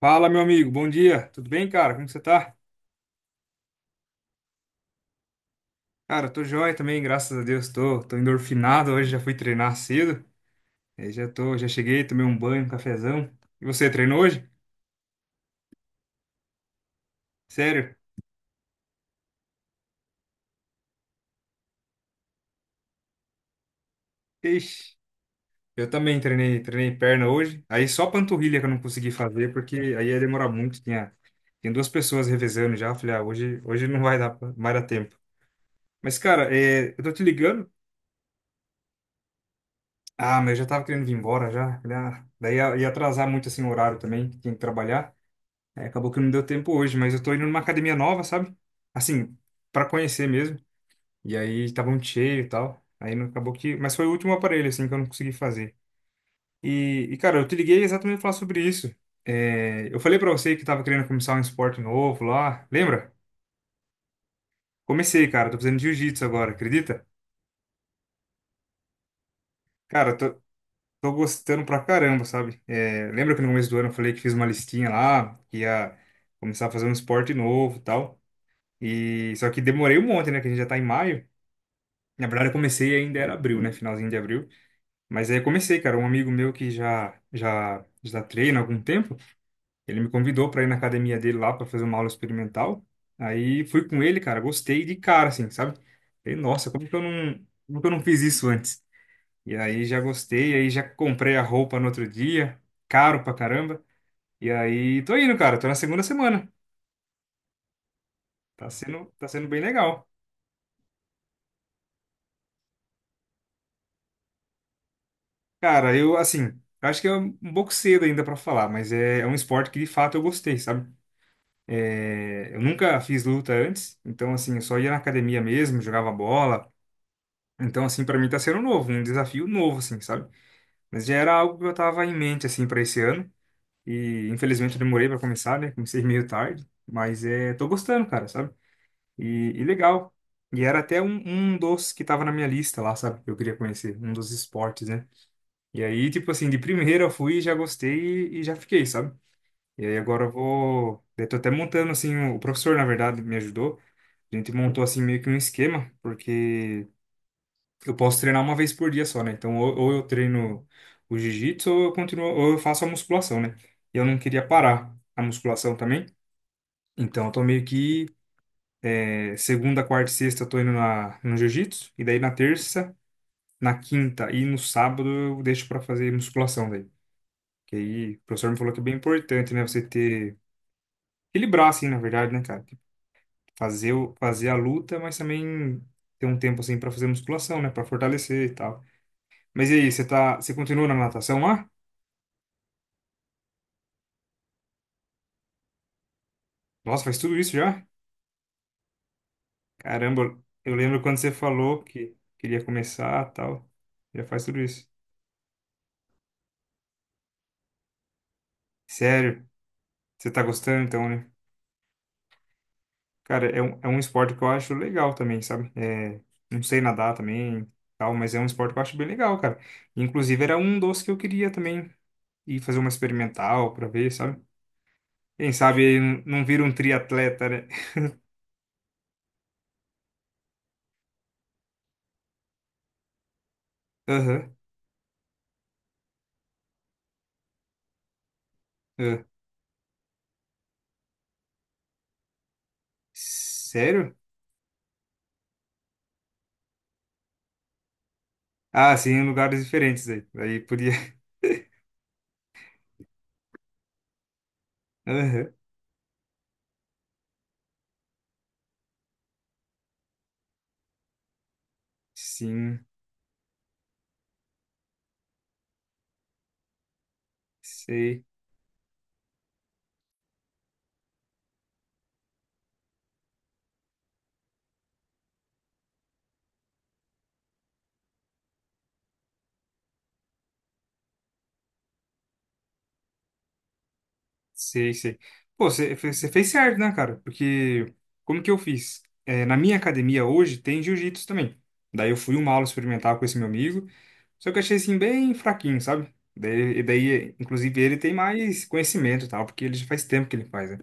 Fala, meu amigo, bom dia. Tudo bem, cara? Como que você tá? Cara, eu tô joia também, graças a Deus. Tô endorfinado hoje, já fui treinar cedo. Aí já tô, já cheguei, tomei um banho, um cafezão. E você treinou hoje? Sério? Ixi, eu também treinei perna hoje. Aí só panturrilha que eu não consegui fazer, porque aí ia demorar muito. Tinha duas pessoas revezando já. Eu falei, ah, hoje não vai dar, não vai dar tempo. Mas, cara, eu tô te ligando. Ah, mas eu já tava querendo vir embora já. Falei, ah, daí ia atrasar muito assim o horário também, que tinha que trabalhar. É, acabou que não deu tempo hoje, mas eu tô indo numa academia nova, sabe? Assim, pra conhecer mesmo. E aí tava muito cheio e tal. Aí não acabou que. Mas foi o último aparelho, assim, que eu não consegui fazer. E cara, eu te liguei exatamente pra falar sobre isso. É, eu falei pra você que tava querendo começar um esporte novo lá. Lembra? Comecei, cara. Tô fazendo jiu-jitsu agora, acredita? Cara, tô gostando pra caramba, sabe? É, lembra que no começo do ano eu falei que fiz uma listinha lá, que ia começar a fazer um esporte novo e tal. E só que demorei um monte, né? Que a gente já tá em maio. Na verdade, eu comecei ainda era abril, né? Finalzinho de abril. Mas aí eu comecei, cara. Um amigo meu que já treina há algum tempo, ele me convidou para ir na academia dele lá para fazer uma aula experimental. Aí fui com ele, cara. Gostei de cara, assim, sabe? Falei, nossa, como que eu não fiz isso antes? E aí já gostei, aí já comprei a roupa no outro dia, caro pra caramba. E aí tô indo, cara. Tô na segunda semana. Tá sendo bem legal. Cara, eu, assim, acho que é um pouco cedo ainda pra falar, mas é um esporte que de fato eu gostei, sabe? É, eu nunca fiz luta antes, então, assim, eu só ia na academia mesmo, jogava bola. Então, assim, pra mim tá sendo novo, um desafio novo, assim, sabe? Mas já era algo que eu tava em mente, assim, pra esse ano. E infelizmente eu demorei pra começar, né? Comecei meio tarde, mas é, tô gostando, cara, sabe? E, e legal. E era até um dos que tava na minha lista lá, sabe? Que eu queria conhecer, um dos esportes, né? E aí, tipo assim, de primeira eu fui, já gostei e já fiquei, sabe? E aí agora eu vou. Eu tô até montando, assim, o professor, na verdade, me ajudou. A gente montou, assim, meio que um esquema, porque eu posso treinar uma vez por dia só, né? Então, ou eu treino o jiu-jitsu, ou eu continuo, ou eu faço a musculação, né? E eu não queria parar a musculação também. Então, eu tô meio que é, segunda, quarta e sexta eu tô indo na, no jiu-jitsu, e daí na terça, na quinta e no sábado eu deixo pra fazer musculação, daí. Que aí o professor me falou que é bem importante, né? Você ter. Equilibrar, assim, na verdade, né, cara? Tipo, fazer, fazer a luta, mas também ter um tempo, assim, pra fazer musculação, né? Pra fortalecer e tal. Mas e aí, você tá. Você continua na natação lá? Nossa, faz tudo isso já? Caramba, eu lembro quando você falou que queria começar e tal. Já faz tudo isso. Sério, você tá gostando então, né? Cara, é um esporte que eu acho legal também, sabe? É, não sei nadar também, tal, mas é um esporte que eu acho bem legal, cara. Inclusive, era um dos que eu queria também e fazer uma experimental pra ver, sabe? Quem sabe ele não vira um triatleta, né? Aham. Ah. Sério? Ah, sim, em lugares diferentes aí. Aí podia. Aham. Sim, sei, sei. Pô, você fez certo, né, cara? Porque como que eu fiz? É, na minha academia hoje tem jiu-jitsu também. Daí eu fui uma aula experimental com esse meu amigo, só que eu achei assim bem fraquinho, sabe? Daí, e daí, inclusive, ele tem mais conhecimento e tal, porque ele já faz tempo que ele faz, né?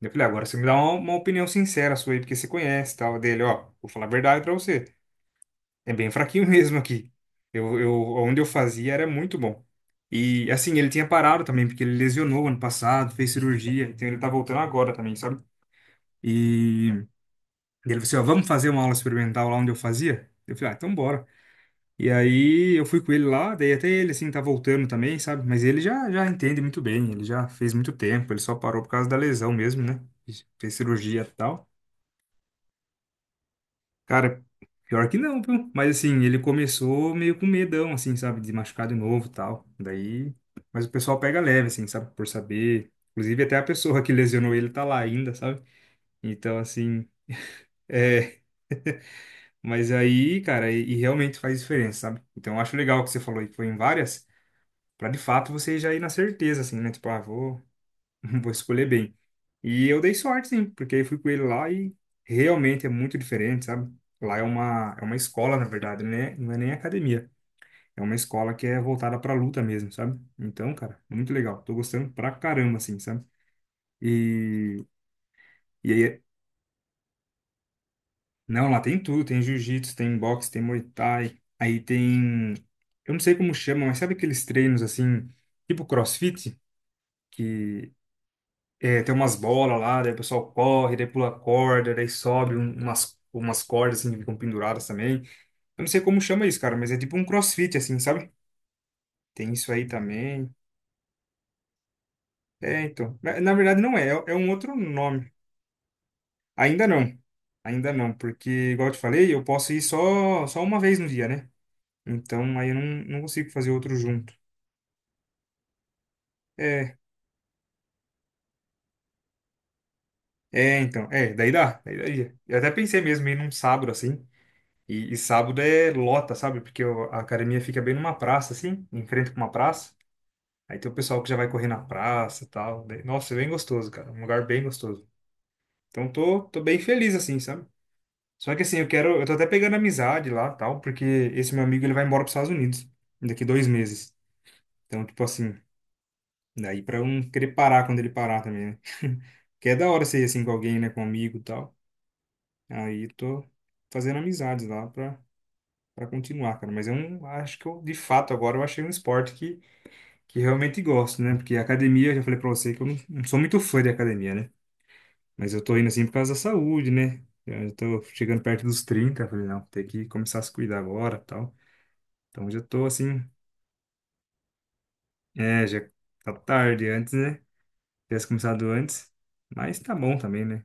Eu falei, "Ah, agora você me dá uma opinião sincera sua aí, porque você conhece e tal dele, ó, vou falar a verdade pra você. É bem fraquinho mesmo aqui. Onde eu fazia era muito bom. E assim, ele tinha parado também, porque ele lesionou ano passado, fez cirurgia, então ele tá voltando agora também, sabe? E ele falou assim, ó, vamos fazer uma aula experimental lá onde eu fazia? Eu falei, ah, então bora. E aí eu fui com ele lá, daí até ele assim tá voltando também, sabe? Mas ele já entende muito bem, ele já fez muito tempo, ele só parou por causa da lesão mesmo, né? Fez cirurgia e tal. Cara, pior que não, viu? Mas assim, ele começou meio com medão, assim, sabe? De machucar de novo e tal. Daí. Mas o pessoal pega leve, assim, sabe? Por saber. Inclusive, até a pessoa que lesionou ele tá lá ainda, sabe? Então, assim. É. Mas aí, cara, e realmente faz diferença, sabe? Então, eu acho legal o que você falou aí, que foi em várias, pra de fato você já ir na certeza, assim, né? Tipo, ah, vou, vou escolher bem. E eu dei sorte, sim, porque eu fui com ele lá e realmente é muito diferente, sabe? É uma escola, na verdade, né? Não é nem academia. É uma escola que é voltada pra luta mesmo, sabe? Então, cara, muito legal. Tô gostando pra caramba, assim, sabe? E, e aí, não, lá tem tudo: tem jiu-jitsu, tem boxe, tem muay thai. Aí tem. Eu não sei como chama, mas sabe aqueles treinos assim, tipo crossfit? Que é, tem umas bolas lá, daí o pessoal corre, daí pula corda, daí sobe umas cordas assim que ficam penduradas também. Eu não sei como chama isso, cara, mas é tipo um CrossFit assim, sabe? Tem isso aí também. É, então. Na verdade não é, é um outro nome. Ainda não. Ainda não, porque, igual eu te falei, eu posso ir só uma vez no dia, né? Então aí eu não, não consigo fazer outro junto. É, então. É, daí daria. Eu até pensei mesmo em ir num sábado assim. E sábado é lota, sabe? Porque a academia fica bem numa praça, assim, em frente com uma praça. Aí tem o pessoal que já vai correr na praça e tal. Daí, nossa, é bem gostoso, cara. Um lugar bem gostoso. Então tô bem feliz, assim, sabe? Só que assim, eu quero. Eu tô até pegando amizade lá tal, porque esse meu amigo ele vai embora pros Estados Unidos daqui 2 meses. Então, tipo assim, daí pra eu não querer parar quando ele parar também, né? Que é da hora ser assim com alguém, né? Com um amigo e tal. Aí tô fazendo amizades lá pra para continuar, cara. Mas eu não acho que eu, de fato, agora eu achei um esporte que realmente gosto, né? Porque academia, eu já falei pra você que eu não sou muito fã de academia, né? Mas eu tô indo assim por causa da saúde, né? Eu já tô chegando perto dos 30, eu falei, não, tem que começar a se cuidar agora, tal. Então já tô assim, é, já tá tarde antes, né? Tivesse começado antes, mas tá bom também, né?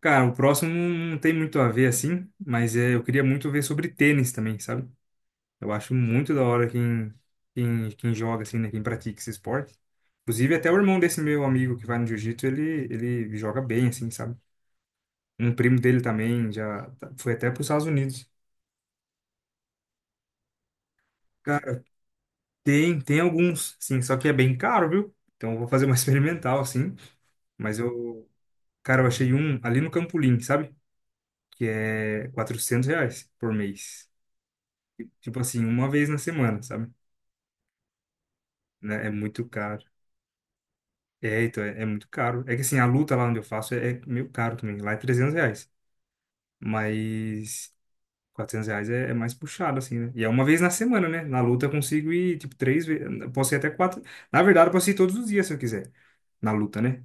Cara, o próximo não tem muito a ver assim, mas é, eu queria muito ver sobre tênis também, sabe? Eu acho muito da hora quem, quem joga, assim, né? Quem pratica esse esporte. Inclusive, até o irmão desse meu amigo que vai no jiu-jitsu, ele joga bem, assim, sabe? Um primo dele também foi até para os Estados Unidos. Cara, tem alguns, sim, só que é bem caro, viu? Então, eu vou fazer uma experimental, assim. Mas eu, cara, eu achei um ali no Campolim, sabe? Que é R$ 400 por mês. Tipo assim, uma vez na semana, sabe? Né? É muito caro. É, então, é muito caro. É que assim, a luta lá onde eu faço é meio caro também. Lá é R$ 300. Mas R$ 400 é mais puxado, assim, né? E é uma vez na semana, né? Na luta eu consigo ir, tipo, 3 vezes. Posso ir até quatro. Na verdade, eu posso ir todos os dias se eu quiser. Na luta, né?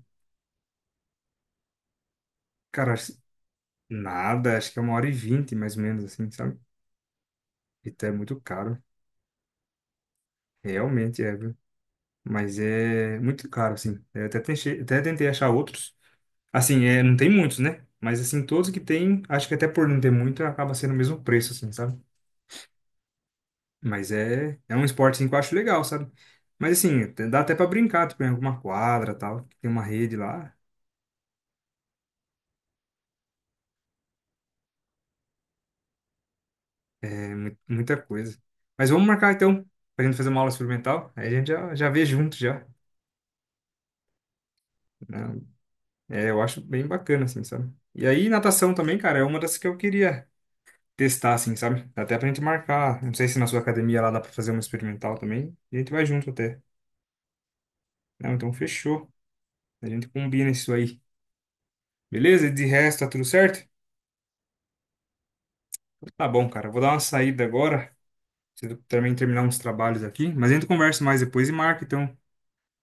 Cara, nada. Acho que é 1h20, mais ou menos, assim, sabe? Então é muito caro. Realmente é, viu? Mas é muito caro, assim. Até tentei achar outros. Assim, é, não tem muitos, né? Mas assim, todos que tem, acho que até por não ter muito, acaba sendo o mesmo preço, assim, sabe? Mas é, é um esporte assim, que eu acho legal, sabe? Mas assim, até dá até pra brincar, tipo, em alguma quadra, tal, que tem uma rede lá, muita coisa. Mas vamos marcar então, pra gente fazer uma aula experimental, aí a gente já vê junto já. Né? É, eu acho bem bacana, assim, sabe? E aí, natação também, cara, é uma das que eu queria testar, assim, sabe? Dá até pra gente marcar, não sei se na sua academia lá dá pra fazer uma experimental também, e a gente vai junto até. Não, então fechou. A gente combina isso aí. Beleza? De resto, tá tudo certo? Tá bom, cara. Vou dar uma saída agora. Preciso também terminar uns trabalhos aqui. Mas a gente conversa mais depois e marca, então,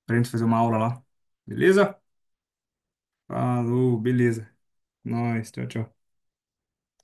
pra gente fazer uma aula lá. Beleza? Falou, beleza. Nós, tchau, tchau.